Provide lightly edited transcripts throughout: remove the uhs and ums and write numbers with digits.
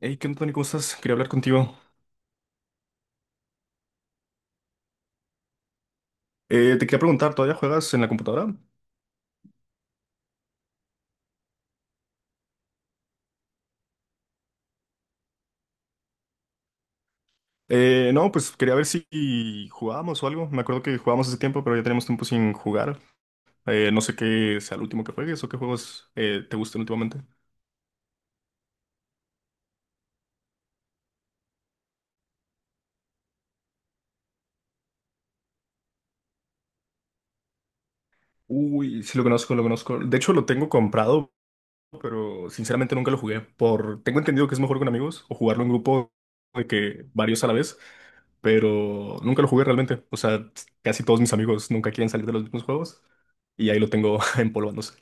Hey, ¿qué onda, Tony? ¿Cómo estás? Quería hablar contigo. Te quería preguntar, ¿todavía juegas en la computadora? No, pues quería ver si jugábamos o algo. Me acuerdo que jugábamos hace tiempo, pero ya tenemos tiempo sin jugar. No sé qué sea el último que juegues o qué juegos te gustan últimamente. Uy, sí lo conozco, lo conozco. De hecho, lo tengo comprado, pero sinceramente nunca lo jugué. Tengo entendido que es mejor con amigos o jugarlo en grupo de que varios a la vez, pero nunca lo jugué realmente. O sea, casi todos mis amigos nunca quieren salir de los mismos juegos y ahí lo tengo empolvándose.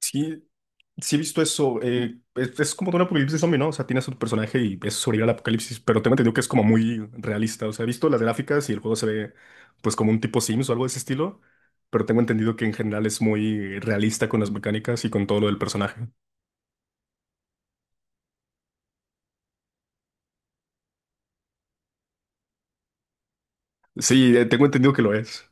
Sí, sí he visto eso. Es como de un apocalipsis zombie, ¿no? O sea, tienes a tu personaje y es sobrevivir al apocalipsis, pero tengo entendido que es como muy realista. O sea, he visto las gráficas y el juego se ve pues como un tipo Sims o algo de ese estilo, pero tengo entendido que en general es muy realista con las mecánicas y con todo lo del personaje. Sí, tengo entendido que lo es.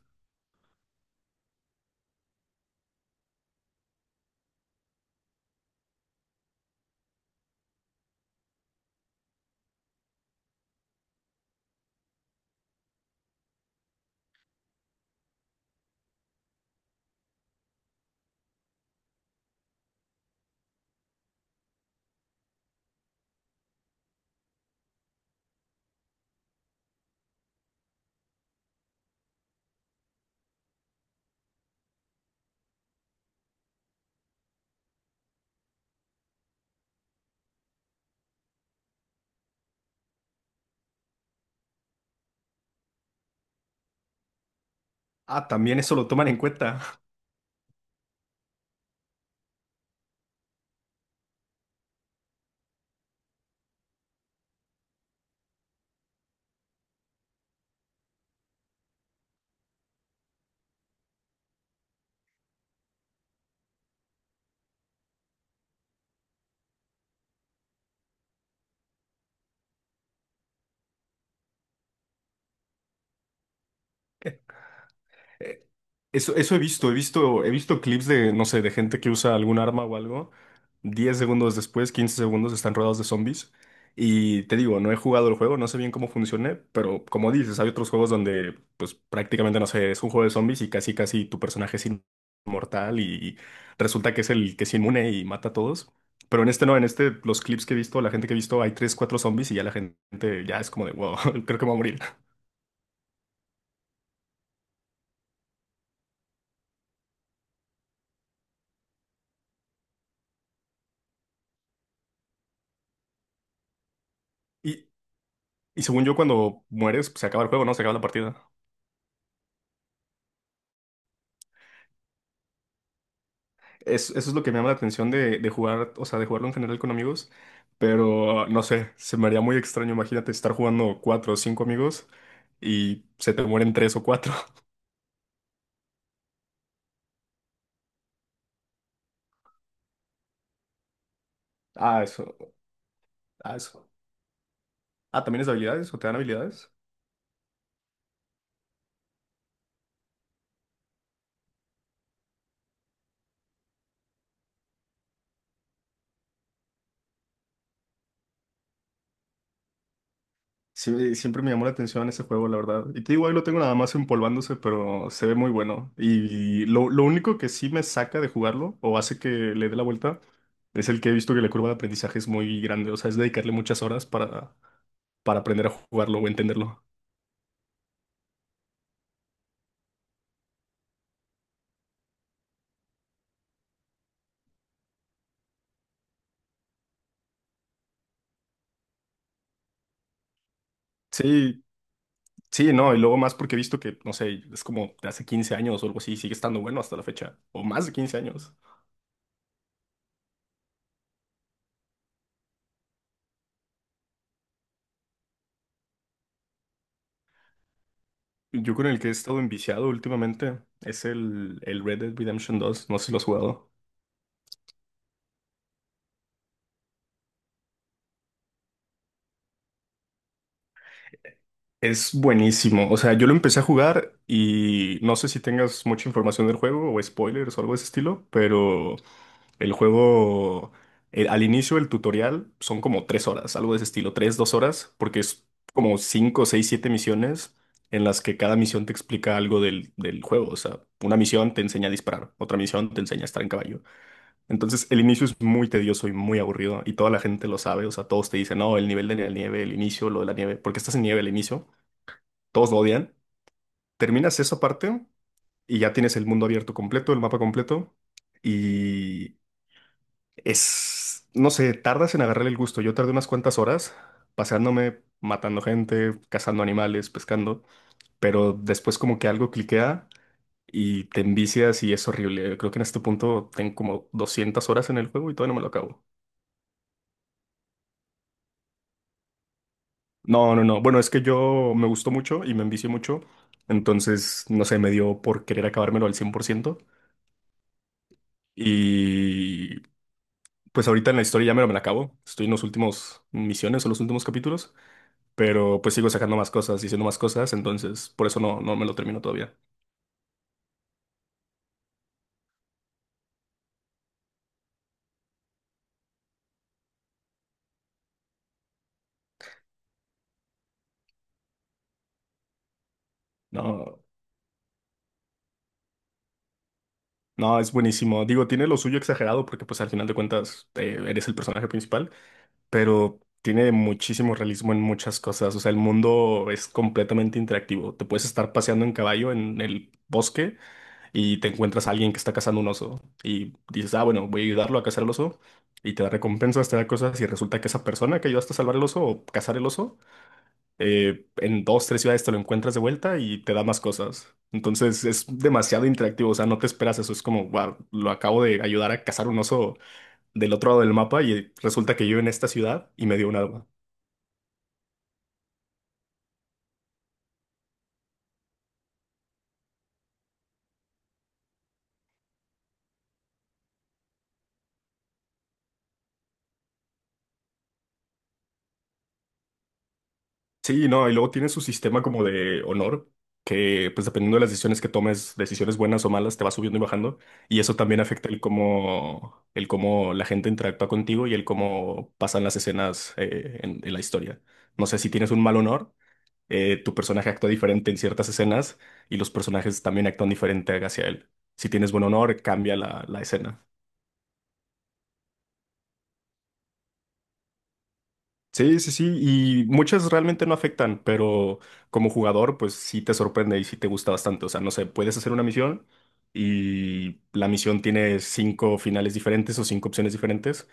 Ah, también eso lo toman en cuenta. Eh, Eso, eso he visto, he visto clips de, no sé, de gente que usa algún arma o algo. 10 segundos después, 15 segundos, están rodeados de zombies. Y te digo, no he jugado el juego, no sé bien cómo funcione, pero como dices, hay otros juegos donde, pues prácticamente, no sé, es un juego de zombies y casi, casi tu personaje es inmortal y resulta que es el que es inmune y mata a todos. Pero en este no, en este, los clips que he visto, la gente que he visto, hay 3 4 zombies y ya la gente ya es como de, wow, creo que me voy a morir. Y, Y según yo, cuando mueres, pues, se acaba el juego, ¿no? Se acaba la partida. Eso es lo que me llama la atención de jugar, o sea, de jugarlo en general con amigos. Pero no sé, se me haría muy extraño. Imagínate estar jugando cuatro o cinco amigos y se te mueren tres o cuatro. Ah, eso. Ah, eso. Ah, ¿también es de habilidades o te dan habilidades? Sí, siempre me llamó la atención ese juego, la verdad. Y te digo, ahí lo tengo nada más empolvándose, pero se ve muy bueno. Y lo único que sí me saca de jugarlo, o hace que le dé la vuelta, es el que he visto que la curva de aprendizaje es muy grande. O sea, es dedicarle muchas horas para aprender a jugarlo o entenderlo. Sí, sí, no. Y luego más porque he visto que, no sé, es como de hace 15 años o algo así, sigue estando bueno hasta la fecha. O más de 15 años. Yo con el que he estado enviciado últimamente es el Red Dead Redemption 2. No sé si lo has jugado. Es buenísimo. O sea, yo lo empecé a jugar y no sé si tengas mucha información del juego o spoilers o algo de ese estilo, pero el juego, al inicio del tutorial son como 3 horas, algo de ese estilo, tres, 2 horas, porque es como cinco, seis, siete misiones en las que cada misión te explica algo del juego. O sea, una misión te enseña a disparar, otra misión te enseña a estar en caballo. Entonces, el inicio es muy tedioso y muy aburrido y toda la gente lo sabe. O sea, todos te dicen, no, el nivel de la nieve, el inicio, lo de la nieve, porque estás en nieve al inicio. Todos lo odian. Terminas esa parte y ya tienes el mundo abierto completo, el mapa completo. Y es, no sé, tardas en agarrar el gusto. Yo tardé unas cuantas horas paseándome, matando gente, cazando animales, pescando. Pero después como que algo cliquea y te envicias y es horrible. Creo que en este punto tengo como 200 horas en el juego y todavía no me lo acabo. No, no, no. Bueno, es que yo me gustó mucho y me envicié mucho. Entonces, no sé, me dio por querer acabármelo al 100%. Y pues ahorita en la historia ya me la acabo. Estoy en los últimos misiones o los últimos capítulos, pero pues sigo sacando más cosas, diciendo más cosas, entonces por eso no me lo termino todavía. No, no, es buenísimo. Digo, tiene lo suyo exagerado porque pues al final de cuentas eres el personaje principal, pero tiene muchísimo realismo en muchas cosas. O sea, el mundo es completamente interactivo. Te puedes estar paseando en caballo en el bosque y te encuentras a alguien que está cazando un oso y dices, ah, bueno, voy a ayudarlo a cazar el oso y te da recompensas, te da cosas y resulta que esa persona que ayudaste a salvar el oso o cazar el oso, en dos, tres ciudades te lo encuentras de vuelta y te da más cosas. Entonces es demasiado interactivo, o sea, no te esperas eso, es como, wow, lo acabo de ayudar a cazar un oso del otro lado del mapa y resulta que yo en esta ciudad y me dio un arma. Sí, no, y luego tiene su sistema como de honor, que pues dependiendo de las decisiones que tomes, decisiones buenas o malas, te va subiendo y bajando. Y eso también afecta el cómo la gente interactúa contigo y el cómo pasan las escenas en la historia. No sé si tienes un mal honor, tu personaje actúa diferente en ciertas escenas y los personajes también actúan diferente hacia él. Si tienes buen honor, cambia la escena. Sí, sí, sí, y muchas realmente no afectan, pero como jugador, pues sí te sorprende y sí te gusta bastante. O sea, no sé, puedes hacer una misión y la misión tiene cinco finales diferentes o cinco opciones diferentes.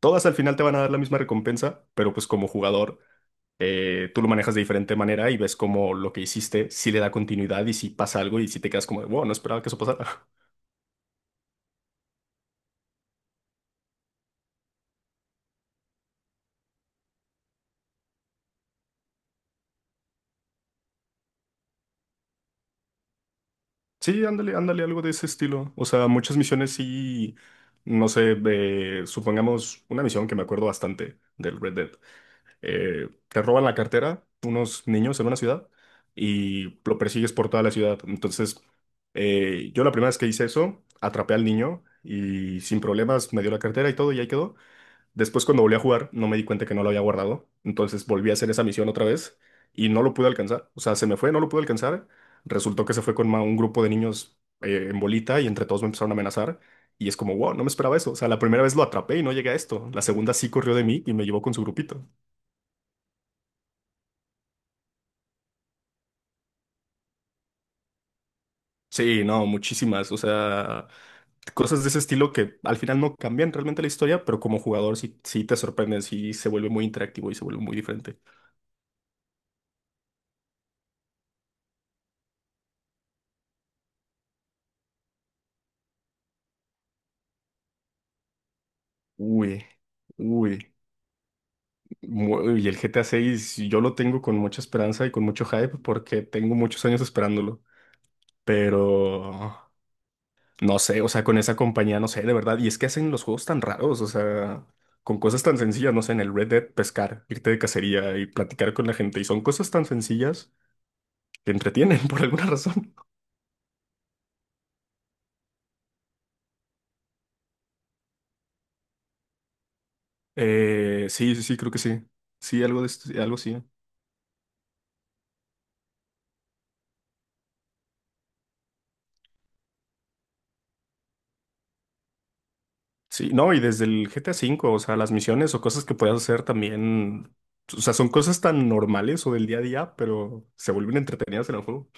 Todas al final te van a dar la misma recompensa, pero pues como jugador, tú lo manejas de diferente manera y ves como lo que hiciste sí le da continuidad y si pasa algo y si te quedas como de, wow, no esperaba que eso pasara. Sí, ándale, ándale, algo de ese estilo. O sea, muchas misiones sí, no sé, supongamos una misión que me acuerdo bastante del Red Dead. Te roban la cartera unos niños en una ciudad y lo persigues por toda la ciudad. Entonces, yo la primera vez que hice eso, atrapé al niño y sin problemas me dio la cartera y todo y ahí quedó. Después, cuando volví a jugar, no me di cuenta que no lo había guardado. Entonces volví a hacer esa misión otra vez y no lo pude alcanzar. O sea, se me fue, no lo pude alcanzar. Resultó que se fue con un grupo de niños en bolita y entre todos me empezaron a amenazar. Y es como, wow, no me esperaba eso. O sea, la primera vez lo atrapé y no llegué a esto. La segunda sí corrió de mí y me llevó con su grupito. Sí, no, muchísimas. O sea, cosas de ese estilo que al final no cambian realmente la historia, pero como jugador sí, sí te sorprenden, sí se vuelve muy interactivo y se vuelve muy diferente. Uy, uy. Y el GTA 6 yo lo tengo con mucha esperanza y con mucho hype porque tengo muchos años esperándolo. Pero no sé, o sea, con esa compañía, no sé, de verdad. Y es que hacen los juegos tan raros, o sea, con cosas tan sencillas, no sé, en el Red Dead pescar, irte de cacería y platicar con la gente. Y son cosas tan sencillas que entretienen por alguna razón. Sí, sí, sí, creo que sí. Sí, algo sí. Sí, no, y desde el GTA V, o sea, las misiones o cosas que puedas hacer también, o sea, son cosas tan normales o del día a día, pero se vuelven entretenidas en el juego.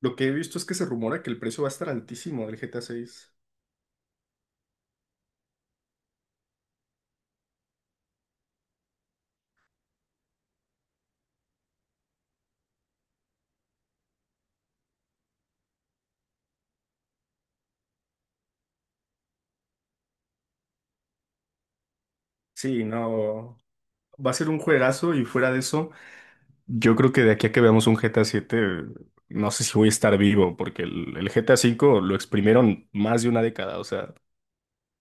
Lo que he visto es que se rumora que el precio va a estar altísimo del GTA VI. Sí, no, va a ser un juegazo y fuera de eso, yo creo que de aquí a que veamos un GTA VII, no sé si voy a estar vivo, porque el GTA V lo exprimieron más de una década, o sea,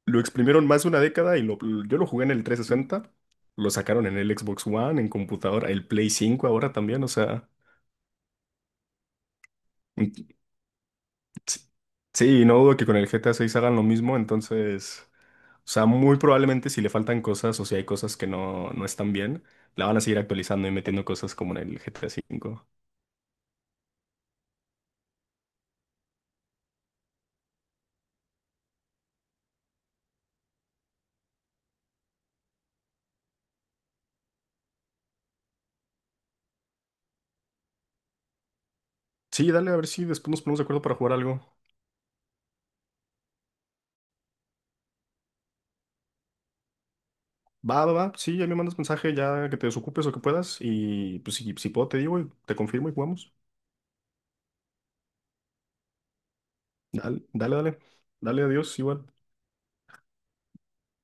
lo exprimieron más de una década y yo lo jugué en el 360. Lo sacaron en el Xbox One, en computadora, el Play 5 ahora también, o sea, mm, sí, sí, no dudo que con el GTA 6 hagan lo mismo, entonces, o sea, muy probablemente si le faltan cosas o si hay cosas que no están bien, la van a seguir actualizando y metiendo cosas como en el GTA cinco. Sí, dale, a ver si después nos ponemos de acuerdo para jugar algo. Va, va, va, sí, ya me mandas mensaje, ya que te desocupes o que puedas, y pues si puedo te digo y te confirmo y jugamos. Dale, dale, dale, dale, adiós, igual.